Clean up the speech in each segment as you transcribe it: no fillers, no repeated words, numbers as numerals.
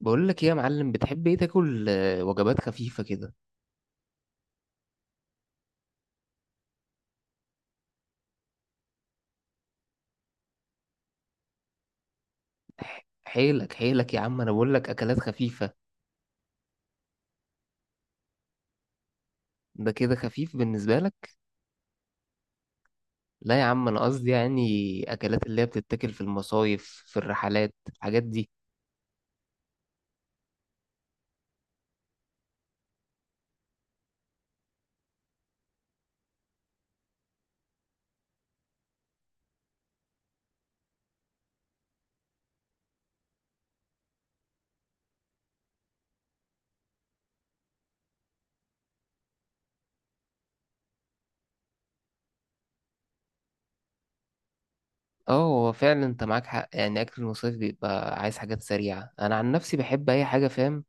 بقول لك ايه يا معلم، بتحب ايه تاكل؟ وجبات خفيفة كده. حيلك حيلك يا عم، انا بقول لك اكلات خفيفة. ده كده خفيف بالنسبة لك؟ لا يا عم، انا قصدي يعني اكلات اللي هي بتتاكل في المصايف، في الرحلات، الحاجات دي. اه، هو فعلا انت معاك حق، يعني اكل المصايف بيبقى عايز حاجات سريعة. انا عن نفسي بحب اي حاجة، فاهم؟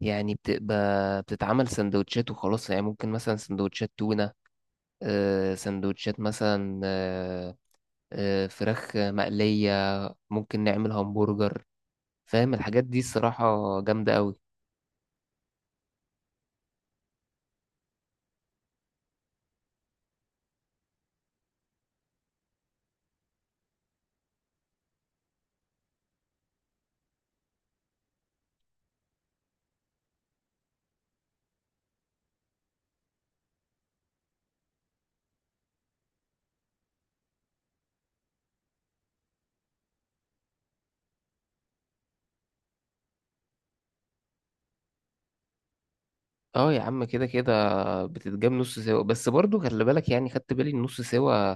يعني بتبقى بتتعمل سندوتشات وخلاص، يعني ممكن مثلا سندوتشات تونة. سندوتشات مثلا، فراخ مقلية. ممكن نعمل همبرجر، فاهم الحاجات دي؟ الصراحة جامدة قوي. اه يا عم، كده كده بتتجاب نص سوا، بس برضو خلي بالك. يعني خدت بالي النص سوا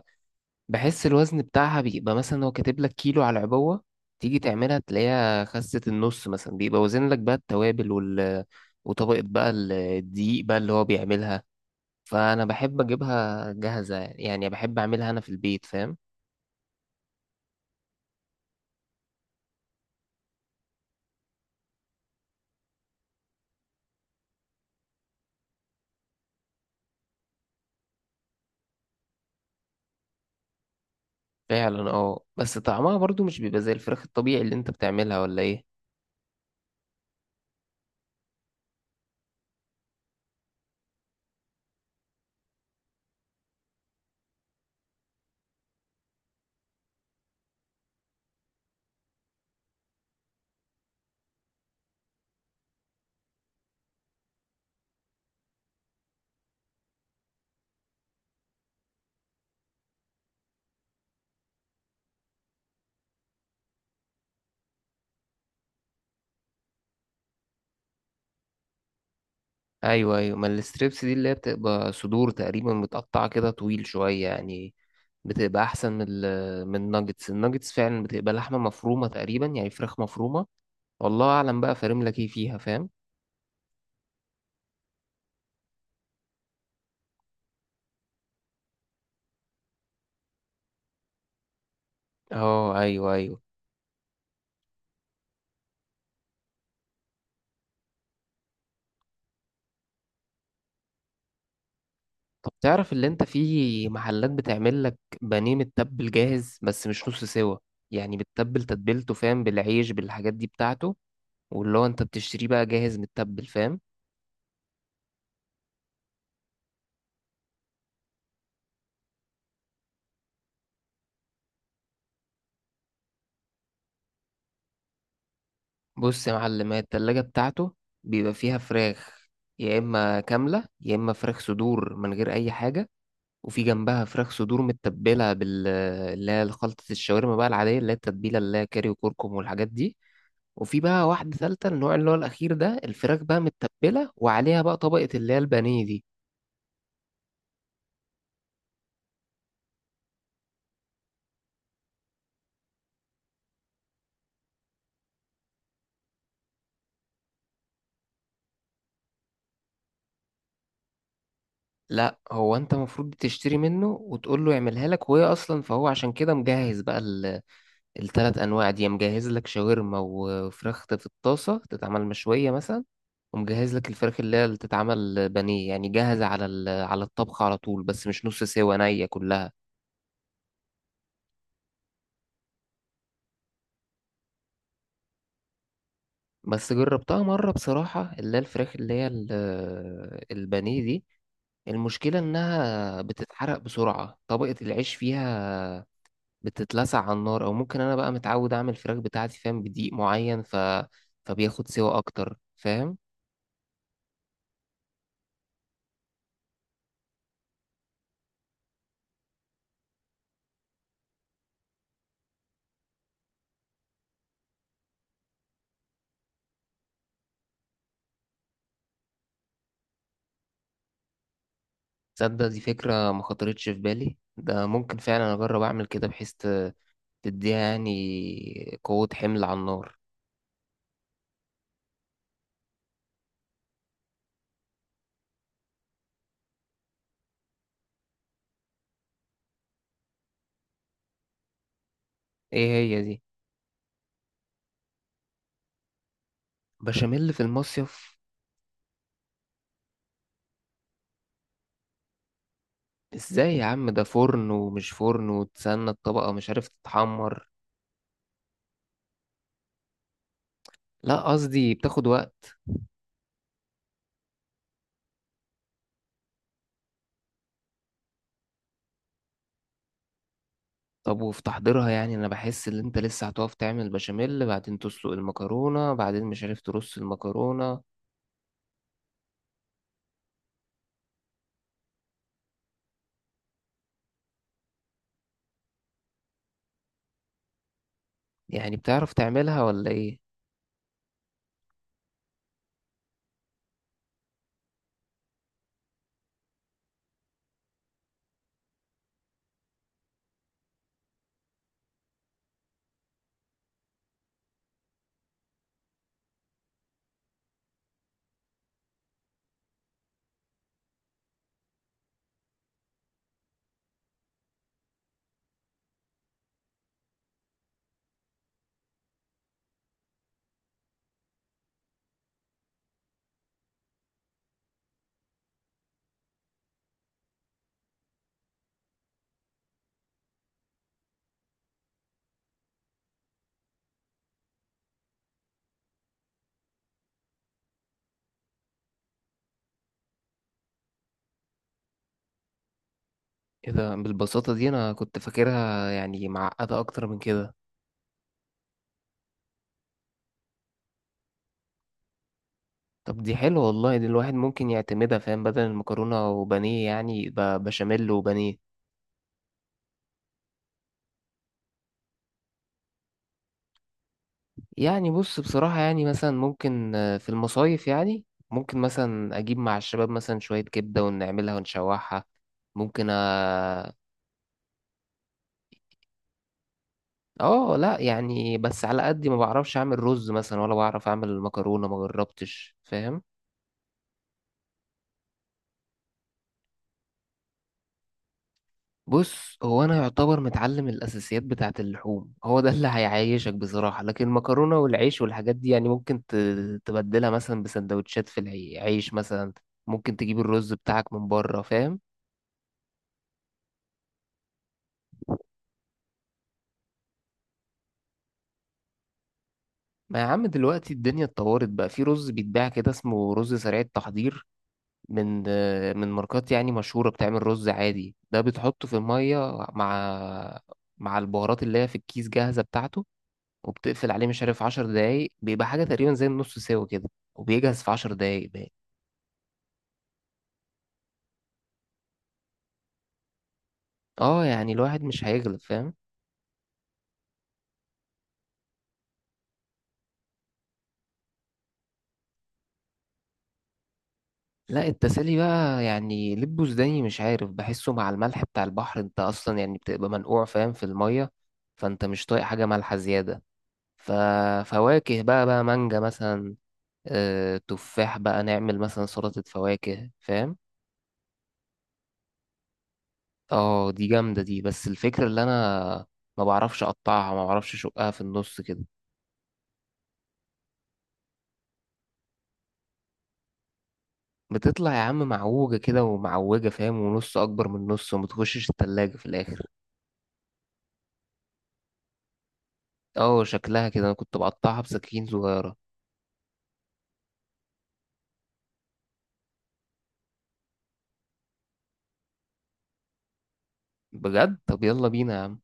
بحس الوزن بتاعها بيبقى مثلا هو كاتب لك كيلو على العبوة، تيجي تعملها تلاقيها خست النص مثلا. بيبقى وزن لك بقى التوابل وطبقة بقى الدقيق بقى اللي هو بيعملها. فأنا بحب أجيبها جاهزة، يعني بحب أعملها أنا في البيت، فاهم؟ فعلا، اه، بس طعمها برضو مش بيبقى زي الفراخ الطبيعي اللي انت بتعملها، ولا ايه؟ ايوه ايوه، ما الستريبس دي اللي هي بتبقى صدور تقريبا متقطعه كده، طويل شويه يعني. بتبقى احسن من من الناجتس. الناجتس فعلا بتبقى لحمه مفرومه تقريبا، يعني فراخ مفرومه، والله اعلم بقى فارم لك ايه فيها، فاهم؟ اه، ايوه ايوه. طب تعرف اللي انت في محلات بتعمل لك بانيه متبل جاهز، بس مش نص سوا؟ يعني بتتبل تتبيلته، فاهم؟ بالعيش بالحاجات دي بتاعته. واللي هو انت بتشتريه بقى جاهز متبل، فاهم؟ بص يا معلم، هي التلاجة بتاعته بيبقى فيها فراخ، يا إما كاملة يا إما فراخ صدور من غير أي حاجة. وفي جنبها فراخ صدور متبلة اللي هي خلطة الشاورما بقى العادية، اللي هي التتبيلة اللي هي كاري وكركم والحاجات دي. وفي بقى واحدة تالتة، النوع اللي هو الأخير ده، الفراخ بقى متبلة وعليها بقى طبقة اللي هي البانيه دي. لا، هو أنت المفروض تشتري منه وتقول له يعملها لك، وهي أصلا فهو عشان كده مجهز بقى التلات انواع دي. مجهز لك شاورما وفراخ في الطاسه تتعمل مشويه مثلا، ومجهز لك الفراخ اللي تتعمل بانيه، يعني جاهزه على على الطبخ على طول، بس مش نص سوا، نيه كلها. بس جربتها مره بصراحه، اللي هي الفراخ اللي هي البانيه دي، المشكله انها بتتحرق بسرعه، طبقه العيش فيها بتتلسع على النار. او ممكن انا بقى متعود اعمل الفراخ بتاعتي، فاهم؟ بدقيق معين، فبياخد سوا اكتر، فاهم؟ تصدق دي فكرة ما خطرتش في بالي؟ ده ممكن فعلا أجرب أعمل كده، بحيث تديها يعني قوة حمل على النار. إيه هي دي؟ بشاميل في المصيف؟ إزاي يا عم؟ ده فرن ومش فرن وتستنى الطبقة مش عارف تتحمر. لا، قصدي بتاخد وقت. طب وفي تحضيرها، يعني أنا بحس إن أنت لسه هتقف تعمل بشاميل، بعدين تسلق المكرونة، بعدين مش عارف ترص المكرونة. يعني بتعرف تعملها ولا إيه؟ إيه ده بالبساطة دي؟ أنا كنت فاكرها يعني معقدة أكتر من كده. طب دي حلوة والله، دي الواحد ممكن يعتمدها، فاهم؟ بدل المكرونة وبانيه يعني، يبقى بشاميل وبانيه. يعني بص بصراحة، يعني مثلا ممكن في المصايف، يعني ممكن مثلا أجيب مع الشباب مثلا شوية كبدة ونعملها ونشوحها. ممكن، آه. آه لأ يعني، بس على قد ما بعرفش أعمل رز مثلا، ولا بعرف أعمل مكرونة، ما جربتش، فاهم؟ بص، هو انا يعتبر متعلم الاساسيات بتاعه. اللحوم هو ده اللي هيعيشك بصراحه، لكن المكرونه والعيش والحاجات دي يعني ممكن تبدلها مثلا بسندوتشات، في العيش مثلا. ممكن تجيب الرز بتاعك من بره، فاهم؟ ما يا عم، دلوقتي الدنيا اتطورت بقى. في رز بيتباع كده اسمه رز سريع التحضير، من ماركات يعني مشهوره. بتعمل رز عادي ده بتحطه في الميه مع مع البهارات اللي هي في الكيس جاهزه بتاعته، وبتقفل عليه مش عارف 10 دقايق. بيبقى حاجة تقريبا زي النص سوا كده، وبيجهز في 10 دقايق بقى. اه، يعني الواحد مش هيغلب، فاهم؟ لا، التسالي بقى يعني لب وزداني، مش عارف، بحسه مع الملح بتاع البحر. انت اصلا يعني بتبقى منقوع، فاهم؟ في المية، فانت مش طايق حاجة مالحة زيادة. ففواكه بقى مانجا مثلا، تفاح بقى، نعمل مثلا سلطة فواكه، فاهم؟ اه، دي جامدة دي، بس الفكرة اللي انا ما بعرفش اقطعها، ما بعرفش اشقها في النص كده. بتطلع يا عم معوجة كده ومعوجة، فاهم؟ ونص أكبر من نص، وما تخشش التلاجة في الآخر. اه، شكلها كده. أنا كنت بقطعها بسكاكين صغيرة. بجد؟ طب يلا بينا يا عم.